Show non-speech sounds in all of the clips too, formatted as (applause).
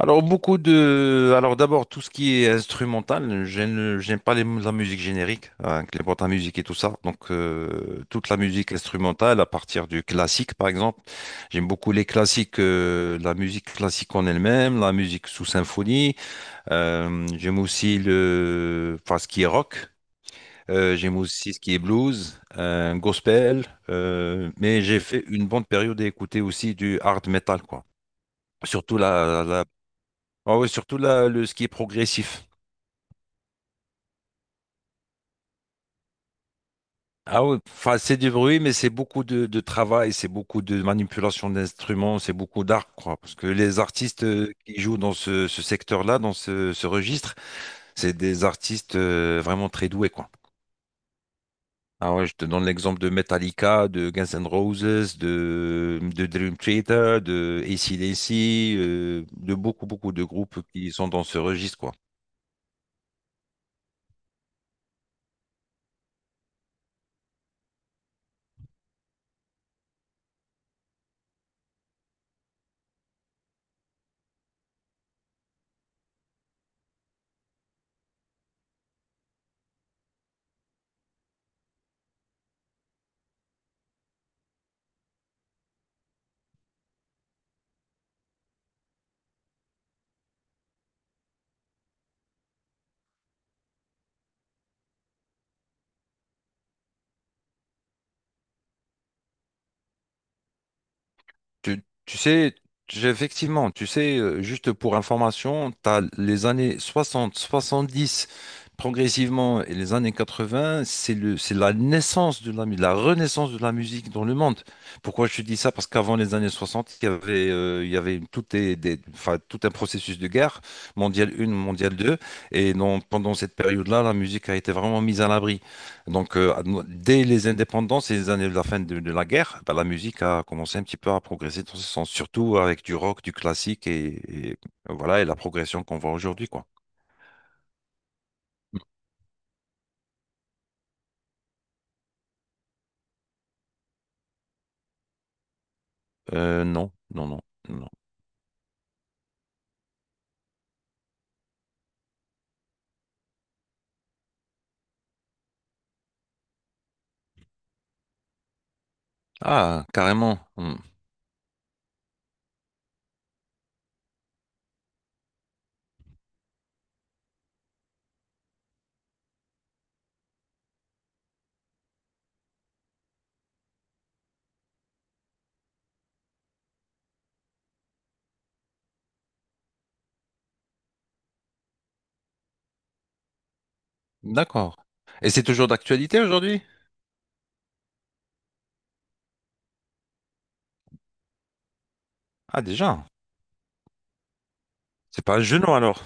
Alors d'abord tout ce qui est instrumental, j'aime pas la musique générique, hein, avec les boîtes à musique et tout ça. Donc toute la musique instrumentale à partir du classique par exemple, j'aime beaucoup les classiques, la musique classique en elle-même, la musique sous symphonie. J'aime aussi enfin ce qui est rock. J'aime aussi ce qui est blues, gospel. Mais j'ai fait une bonne période à écouter aussi du hard metal quoi. Surtout la, la Ah oui, surtout là, le ski est progressif. Ah oui, enfin, c'est du bruit, mais c'est beaucoup de travail, c'est beaucoup de manipulation d'instruments, c'est beaucoup d'art, quoi. Parce que les artistes qui jouent dans ce secteur-là, dans ce registre, c'est des artistes vraiment très doués, quoi. Ah ouais, je te donne l'exemple de Metallica, de Guns N' Roses, de Dream Theater, de AC/DC, de beaucoup, beaucoup de groupes qui sont dans ce registre, quoi. Tu sais, effectivement, tu sais, juste pour information, tu as les années 60, 70 progressivement et les années 80, c'est c'est la naissance de la renaissance de la musique dans le monde. Pourquoi je te dis ça? Parce qu'avant les années 60, il y avait tout, enfin, tout un processus de guerre, mondiale 1, mondiale 2, et donc, pendant cette période-là, la musique a été vraiment mise à l'abri. Donc, dès les indépendances et les années de la fin de la guerre, bah, la musique a commencé un petit peu à progresser dans ce sens, surtout avec du rock, du classique et voilà, et la progression qu'on voit aujourd'hui, quoi. Non, non, non, non. Ah, carrément. Hmm. D'accord. Et c'est toujours d'actualité aujourd'hui? Ah, déjà. C'est pas un genou alors.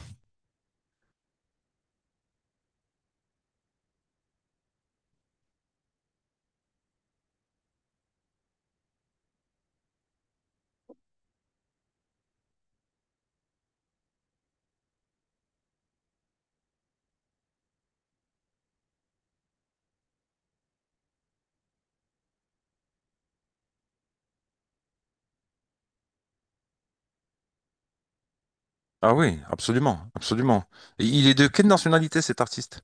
Ah oui, absolument, absolument. Et il est de quelle nationalité cet artiste?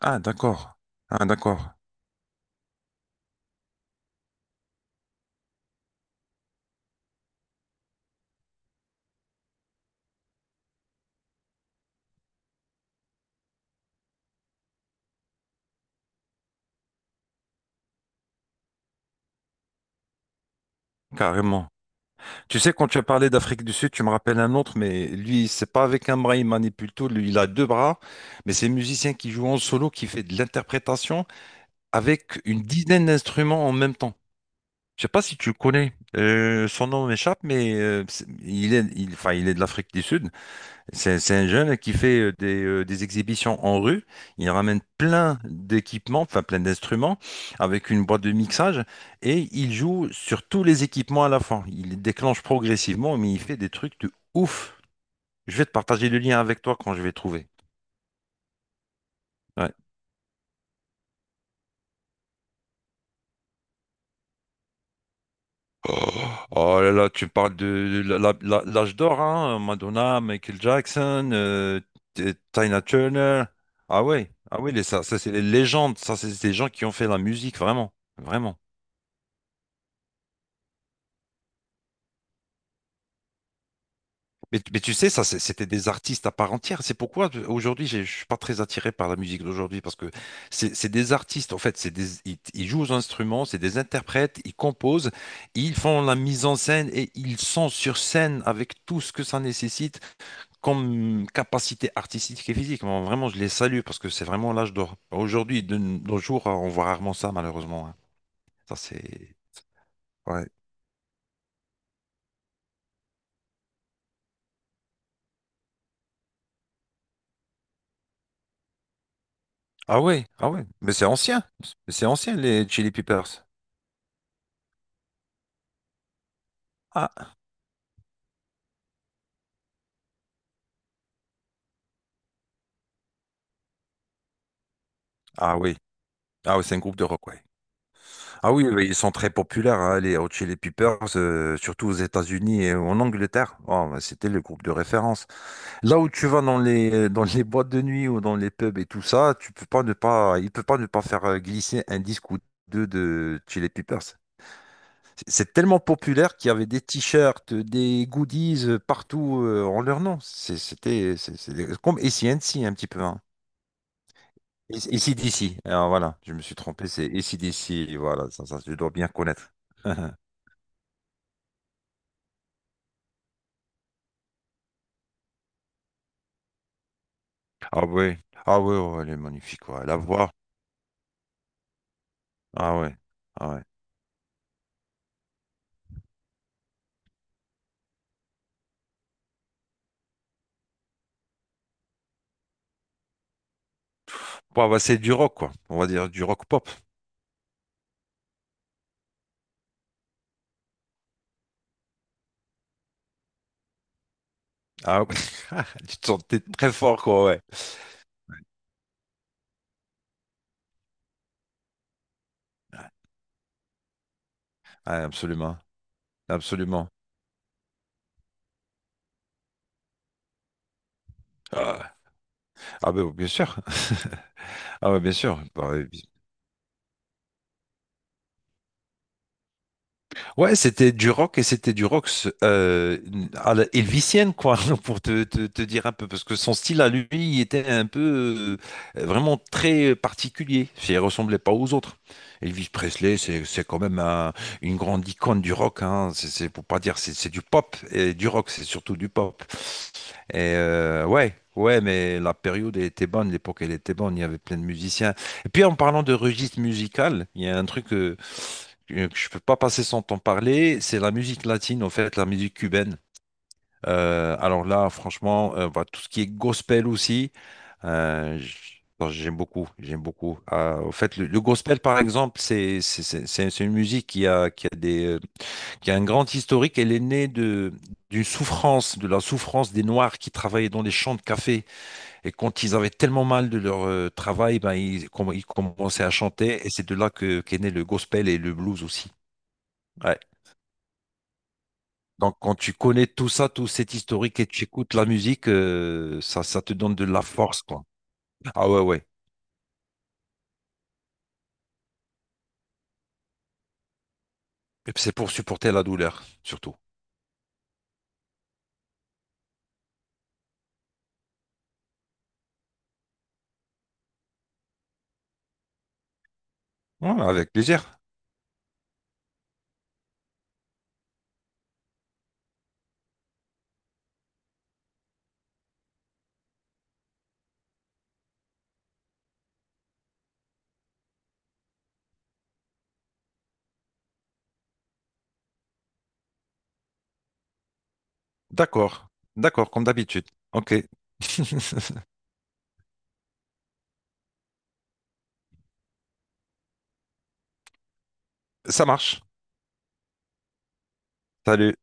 Ah, d'accord. Ah, d'accord. Carrément. Tu sais, quand tu as parlé d'Afrique du Sud, tu me rappelles un autre, mais lui, c'est pas avec un bras, il manipule tout. Lui, il a deux bras, mais c'est un musicien qui joue en solo, qui fait de l'interprétation avec une dizaine d'instruments en même temps. Je sais pas si tu le connais. Son nom m'échappe, mais enfin, il est de l'Afrique du Sud. C'est un jeune qui fait des exhibitions en rue. Il ramène plein d'équipements, enfin plein d'instruments, avec une boîte de mixage, et il joue sur tous les équipements à la fois. Il les déclenche progressivement, mais il fait des trucs de ouf. Je vais te partager le lien avec toi quand je vais trouver. Ouais. Oh, oh là là, tu parles de l'âge d'or, hein, Madonna, Michael Jackson, Tina Turner. Ah ouais, ah ouais, ça, ça c'est les légendes, ça c'est des gens qui ont fait la musique, vraiment, vraiment. Mais tu sais, ça, c'était des artistes à part entière. C'est pourquoi aujourd'hui, je suis pas très attiré par la musique d'aujourd'hui parce que c'est des artistes. En fait, ils jouent aux instruments, c'est des interprètes, ils composent, ils font la mise en scène et ils sont sur scène avec tout ce que ça nécessite comme capacité artistique et physique. Moi, vraiment, je les salue parce que c'est vraiment l'âge d'or. Aujourd'hui, de nos jours, on voit rarement ça, malheureusement, hein. Ça, c'est. Ouais. Ah ouais, ah ouais. Mais c'est ancien. Mais c'est ancien, les Chili Peppers. Ah, ah oui. Ah oui, c'est un groupe de rock, ouais. Ah oui, oui, ils sont très populaires, hein, les Hot Chili Peppers, surtout aux États-Unis et en Angleterre. Oh, bah, c'était le groupe de référence. Là où tu vas dans les boîtes de nuit ou dans les pubs et tout ça, tu peux pas ne pas, il peut pas ne pas faire glisser un disque ou deux de Chili Peppers. C'est tellement populaire qu'il y avait des t-shirts, des goodies partout en leur nom. C'était c'est comme ac un petit peu, hein, d'ici. Alors voilà, je me suis trompé, c'est d'ici. Voilà, ça, je dois bien connaître. (laughs) Ah oui, ah oui, ouais, oh, elle est magnifique, ouais. La voix, ah ouais, ah ouais. Bon, bah, c'est du rock, quoi. On va dire du rock pop. Ah ouais, (laughs) tu te sentais très fort, quoi, ouais. Ouais, absolument, absolument. Ah, ah, ben bien sûr. (laughs) Ah ouais, bien sûr. Bah, ouais, ouais, c'était du rock et c'était du rock euh, à la Elvisienne, quoi, (laughs) pour te dire un peu, parce que son style à lui, il était un peu vraiment très particulier, si il ressemblait pas aux autres. Elvis Presley, c'est quand même une grande icône du rock, hein, c'est pour pas dire, c'est du pop et du rock, c'est surtout du pop. Et ouais, ouais, mais la période elle était bonne, l'époque elle était bonne, il y avait plein de musiciens. Et puis en parlant de registre musical, il y a un truc, que je peux pas passer sans t'en parler, c'est la musique latine, en fait, la musique cubaine. Alors là, franchement, bah, tout ce qui est gospel aussi, bon, j'aime beaucoup, j'aime beaucoup. En fait, le gospel, par exemple, c'est une musique qui a un grand historique. Elle est née de d'une souffrance, de la souffrance des Noirs qui travaillaient dans les champs de café. Et quand ils avaient tellement mal de leur travail, ben, ils commençaient à chanter. Et c'est de là que qu'est né le gospel et le blues aussi. Ouais. Donc, quand tu connais tout ça, tout cet historique et tu écoutes la musique, ça, ça te donne de la force, quoi. Ah ouais, ouais. Et puis, c'est pour supporter la douleur, surtout. Ouais, avec plaisir. D'accord. D'accord, comme d'habitude. Ok. (laughs) Ça marche. Salut.